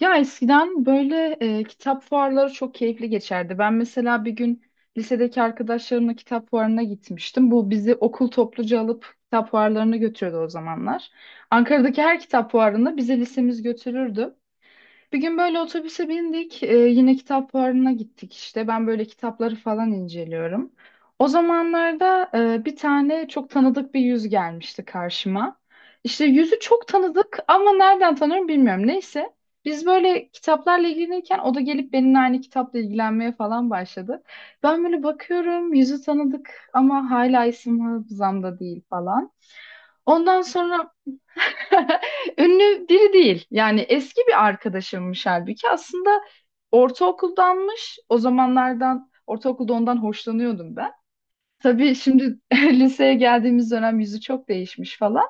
Ya eskiden böyle kitap fuarları çok keyifli geçerdi. Ben mesela bir gün lisedeki arkadaşlarımla kitap fuarına gitmiştim. Bu bizi okul topluca alıp kitap fuarlarına götürüyordu o zamanlar. Ankara'daki her kitap fuarında bizi lisemiz götürürdü. Bir gün böyle otobüse bindik. Yine kitap fuarına gittik işte. Ben böyle kitapları falan inceliyorum. O zamanlarda bir tane çok tanıdık bir yüz gelmişti karşıma. İşte yüzü çok tanıdık ama nereden tanıyorum bilmiyorum. Neyse. Biz böyle kitaplarla ilgilenirken o da gelip benimle aynı kitapla ilgilenmeye falan başladı. Ben böyle bakıyorum yüzü tanıdık ama hala isim hafızamda değil falan. Ondan sonra ünlü biri değil. Yani eski bir arkadaşımmış halbuki. Aslında ortaokuldanmış. O zamanlardan ortaokulda ondan hoşlanıyordum ben. Tabii şimdi liseye geldiğimiz dönem yüzü çok değişmiş falan.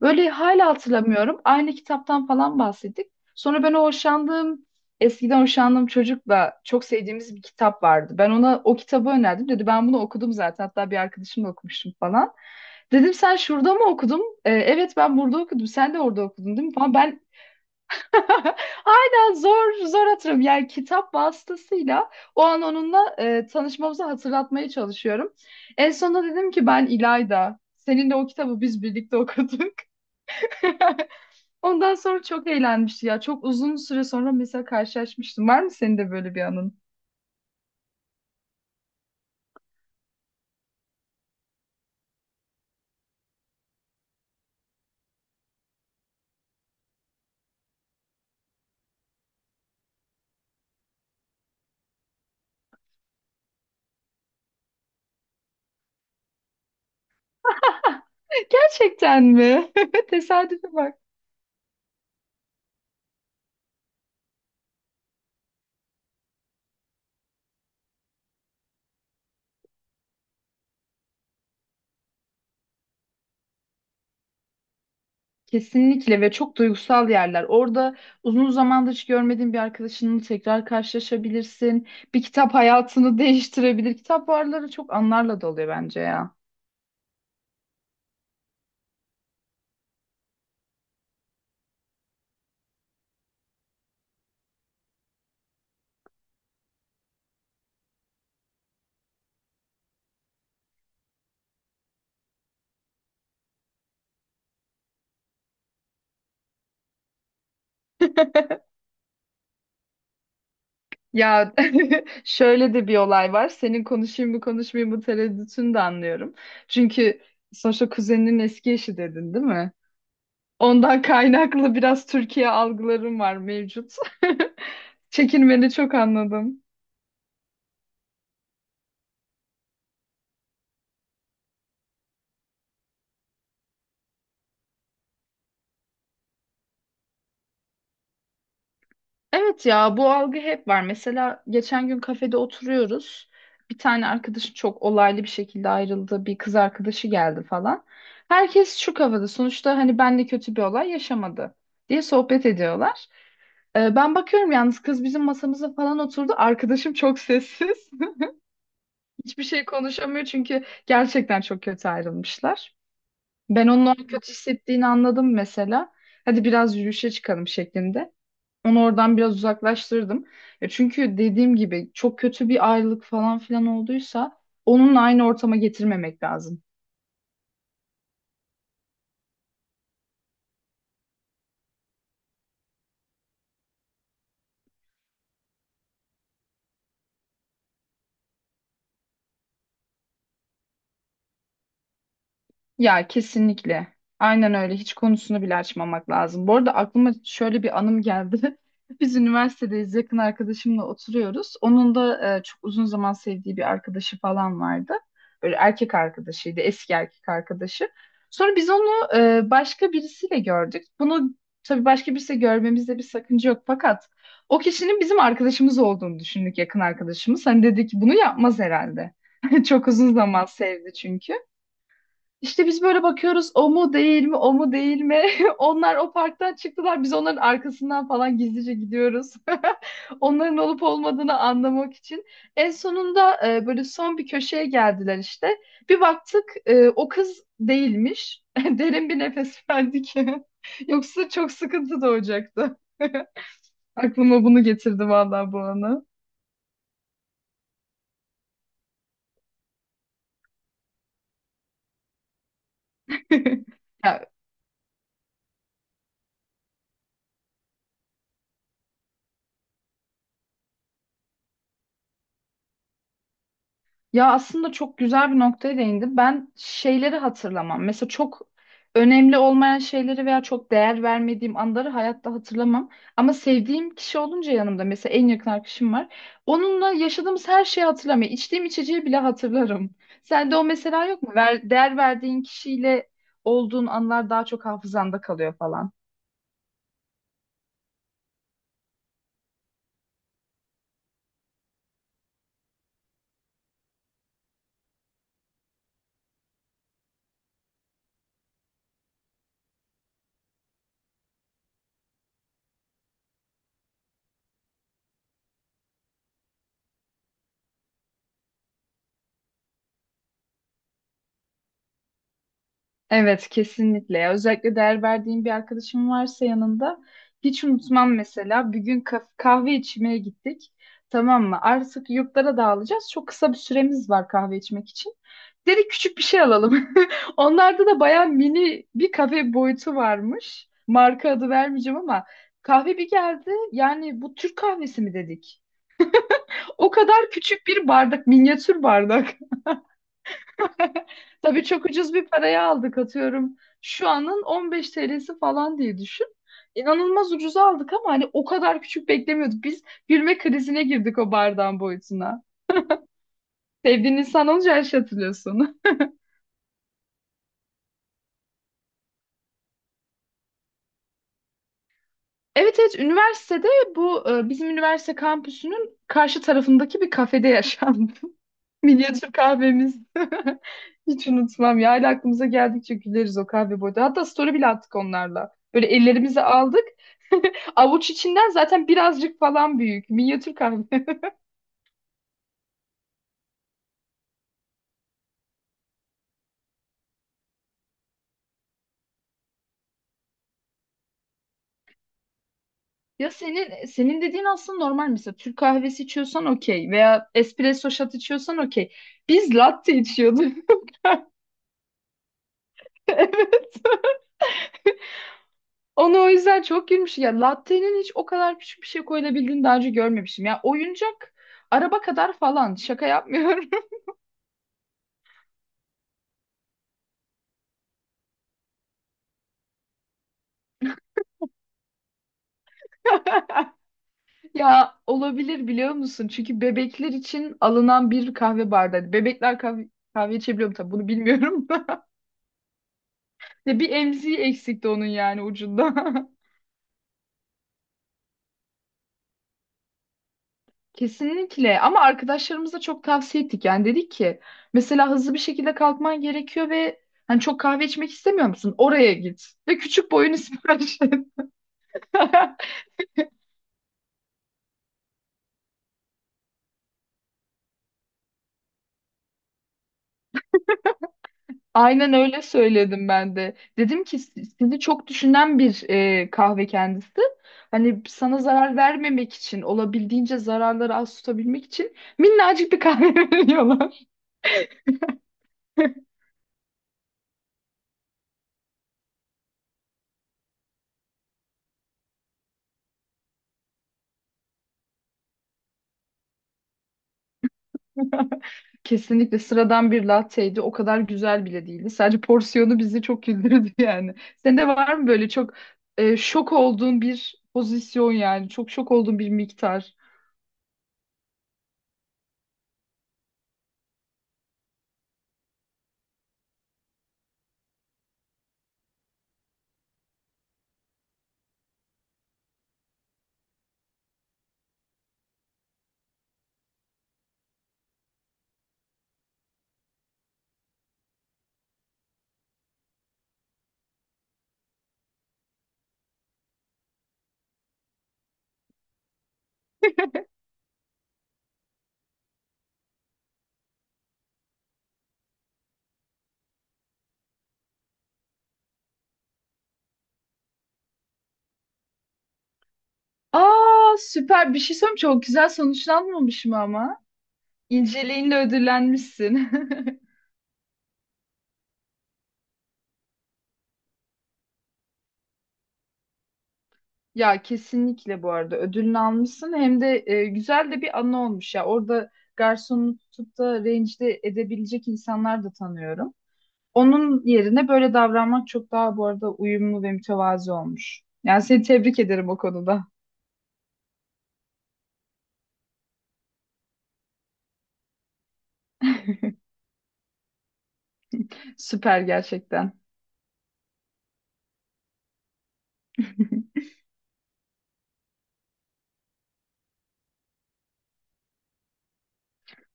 Böyle hala hatırlamıyorum. Aynı kitaptan falan bahsettik. Sonra ben o hoşlandığım, eskiden hoşlandığım çocukla çok sevdiğimiz bir kitap vardı. Ben ona o kitabı önerdim. Dedi ben bunu okudum zaten. Hatta bir arkadaşımla okumuştum falan. Dedim sen şurada mı okudun? "E, evet ben burada okudum. Sen de orada okudun değil mi? Falan." Ben hala zor zor hatırlıyorum. Yani kitap vasıtasıyla o an onunla tanışmamızı hatırlatmaya çalışıyorum. En sonunda dedim ki ben İlayda. Seninle o kitabı biz birlikte okuduk. Ondan sonra çok eğlenmişti ya. Çok uzun süre sonra mesela karşılaşmıştım. Var mı senin de böyle bir anın? Gerçekten mi? Tesadüfe bak. Kesinlikle ve çok duygusal yerler. Orada uzun zamandır hiç görmediğin bir arkadaşınla tekrar karşılaşabilirsin. Bir kitap hayatını değiştirebilir. Kitap varları çok anlarla doluyor bence ya. Ya şöyle de bir olay var. Senin konuşayım mı konuşmayayım mı tereddütünü de anlıyorum. Çünkü sonuçta kuzeninin eski eşi dedin, değil mi? Ondan kaynaklı biraz Türkiye algılarım var mevcut. Çekinmeni çok anladım. Evet ya, bu algı hep var. Mesela geçen gün kafede oturuyoruz. Bir tane arkadaşım çok olaylı bir şekilde ayrıldı. Bir kız arkadaşı geldi falan. Herkes şu kafada. Sonuçta hani benle kötü bir olay yaşamadı diye sohbet ediyorlar. Ben bakıyorum yalnız kız bizim masamıza falan oturdu. Arkadaşım çok sessiz. Hiçbir şey konuşamıyor çünkü gerçekten çok kötü ayrılmışlar. Ben onun kötü hissettiğini anladım mesela. Hadi biraz yürüyüşe çıkalım şeklinde. Onu oradan biraz uzaklaştırdım. Ya çünkü dediğim gibi çok kötü bir ayrılık falan filan olduysa onunla aynı ortama getirmemek lazım. Ya, kesinlikle. Aynen öyle. Hiç konusunu bile açmamak lazım. Bu arada aklıma şöyle bir anım geldi. Biz üniversitedeyiz. Yakın arkadaşımla oturuyoruz. Onun da çok uzun zaman sevdiği bir arkadaşı falan vardı. Böyle erkek arkadaşıydı. Eski erkek arkadaşı. Sonra biz onu başka birisiyle gördük. Bunu tabii başka birisiyle görmemizde bir sakınca yok. Fakat o kişinin bizim arkadaşımız olduğunu düşündük, yakın arkadaşımız. Hani dedik bunu yapmaz herhalde. Çok uzun zaman sevdi çünkü. İşte biz böyle bakıyoruz o mu değil mi o mu değil mi? Onlar o parktan çıktılar, biz onların arkasından falan gizlice gidiyoruz. Onların olup olmadığını anlamak için. En sonunda böyle son bir köşeye geldiler işte. Bir baktık, o kız değilmiş. Derin bir nefes verdik. Yoksa çok sıkıntı doğacaktı. Aklıma bunu getirdi vallahi bu anı. Ya Ya, aslında çok güzel bir noktaya değindi. Ben şeyleri hatırlamam. Mesela çok önemli olmayan şeyleri veya çok değer vermediğim anları hayatta hatırlamam. Ama sevdiğim kişi olunca yanımda mesela en yakın arkadaşım var. Onunla yaşadığımız her şeyi hatırlamıyorum. İçtiğim içeceği bile hatırlarım. Sende o mesela yok mu? Değer verdiğin kişiyle olduğun anlar daha çok hafızanda kalıyor falan. Evet, kesinlikle ya. Özellikle değer verdiğim bir arkadaşım varsa yanında hiç unutmam mesela. Bir gün kahve içmeye gittik. Tamam mı? Artık yurtlara dağılacağız. Çok kısa bir süremiz var kahve içmek için. Dedik küçük bir şey alalım. Onlarda da bayağı mini bir kafe boyutu varmış. Marka adı vermeyeceğim ama kahve bir geldi. Yani bu Türk kahvesi mi dedik? O kadar küçük bir bardak, minyatür bardak. Tabii çok ucuz bir paraya aldık, atıyorum. Şu anın 15 TL'si falan diye düşün. İnanılmaz ucuza aldık ama hani o kadar küçük beklemiyorduk. Biz gülme krizine girdik o bardağın boyutuna. Sevdiğin insan olunca her şey hatırlıyorsun. Evet evet, üniversitede bu bizim üniversite kampüsünün karşı tarafındaki bir kafede yaşandı. Minyatür kahvemiz. Hiç unutmam ya. Hala aklımıza geldikçe güleriz o kahve boyda. Hatta story bile attık onlarla. Böyle ellerimizi aldık. Avuç içinden zaten birazcık falan büyük. Minyatür kahve. Ya senin dediğin aslında normal, mesela Türk kahvesi içiyorsan okey veya espresso shot içiyorsan okey. Biz latte içiyorduk. Evet. Onu o yüzden çok gülmüş. Ya latte'nin hiç o kadar küçük bir şey koyulabildiğini daha önce görmemişim. Ya oyuncak araba kadar falan. Şaka yapmıyorum. Ya olabilir, biliyor musun? Çünkü bebekler için alınan bir kahve bardağı. Hani bebekler kahve, kahve içebiliyor mu tabii bunu bilmiyorum da. Ya bir emziği eksikti onun yani ucunda. Kesinlikle, ama arkadaşlarımıza çok tavsiye ettik. Yani dedik ki mesela hızlı bir şekilde kalkman gerekiyor ve hani çok kahve içmek istemiyor musun? Oraya git ve küçük boyunu sipariş et. Aynen öyle söyledim ben de. Dedim ki "Si- sizi çok düşünen bir kahve kendisi. Hani sana zarar vermemek için, olabildiğince zararları az tutabilmek için minnacık bir kahve veriyorlar." Kesinlikle sıradan bir latteydi. O kadar güzel bile değildi. Sadece porsiyonu bizi çok güldürdü yani. Senin de var mı böyle çok şok olduğun bir pozisyon yani? Çok şok olduğun bir miktar. Aa, süper. Bir şey söyleyeyim mi? Çok güzel sonuçlanmamış mı ama? İnceliğinle ödüllenmişsin. Ya kesinlikle, bu arada ödülünü almışsın, hem de güzel de bir anı olmuş ya. Orada garsonu tutup da rencide edebilecek insanlar da tanıyorum. Onun yerine böyle davranmak çok daha bu arada uyumlu ve mütevazi olmuş. Yani seni tebrik ederim o konuda. Süper gerçekten.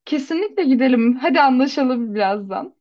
Kesinlikle gidelim. Hadi anlaşalım birazdan.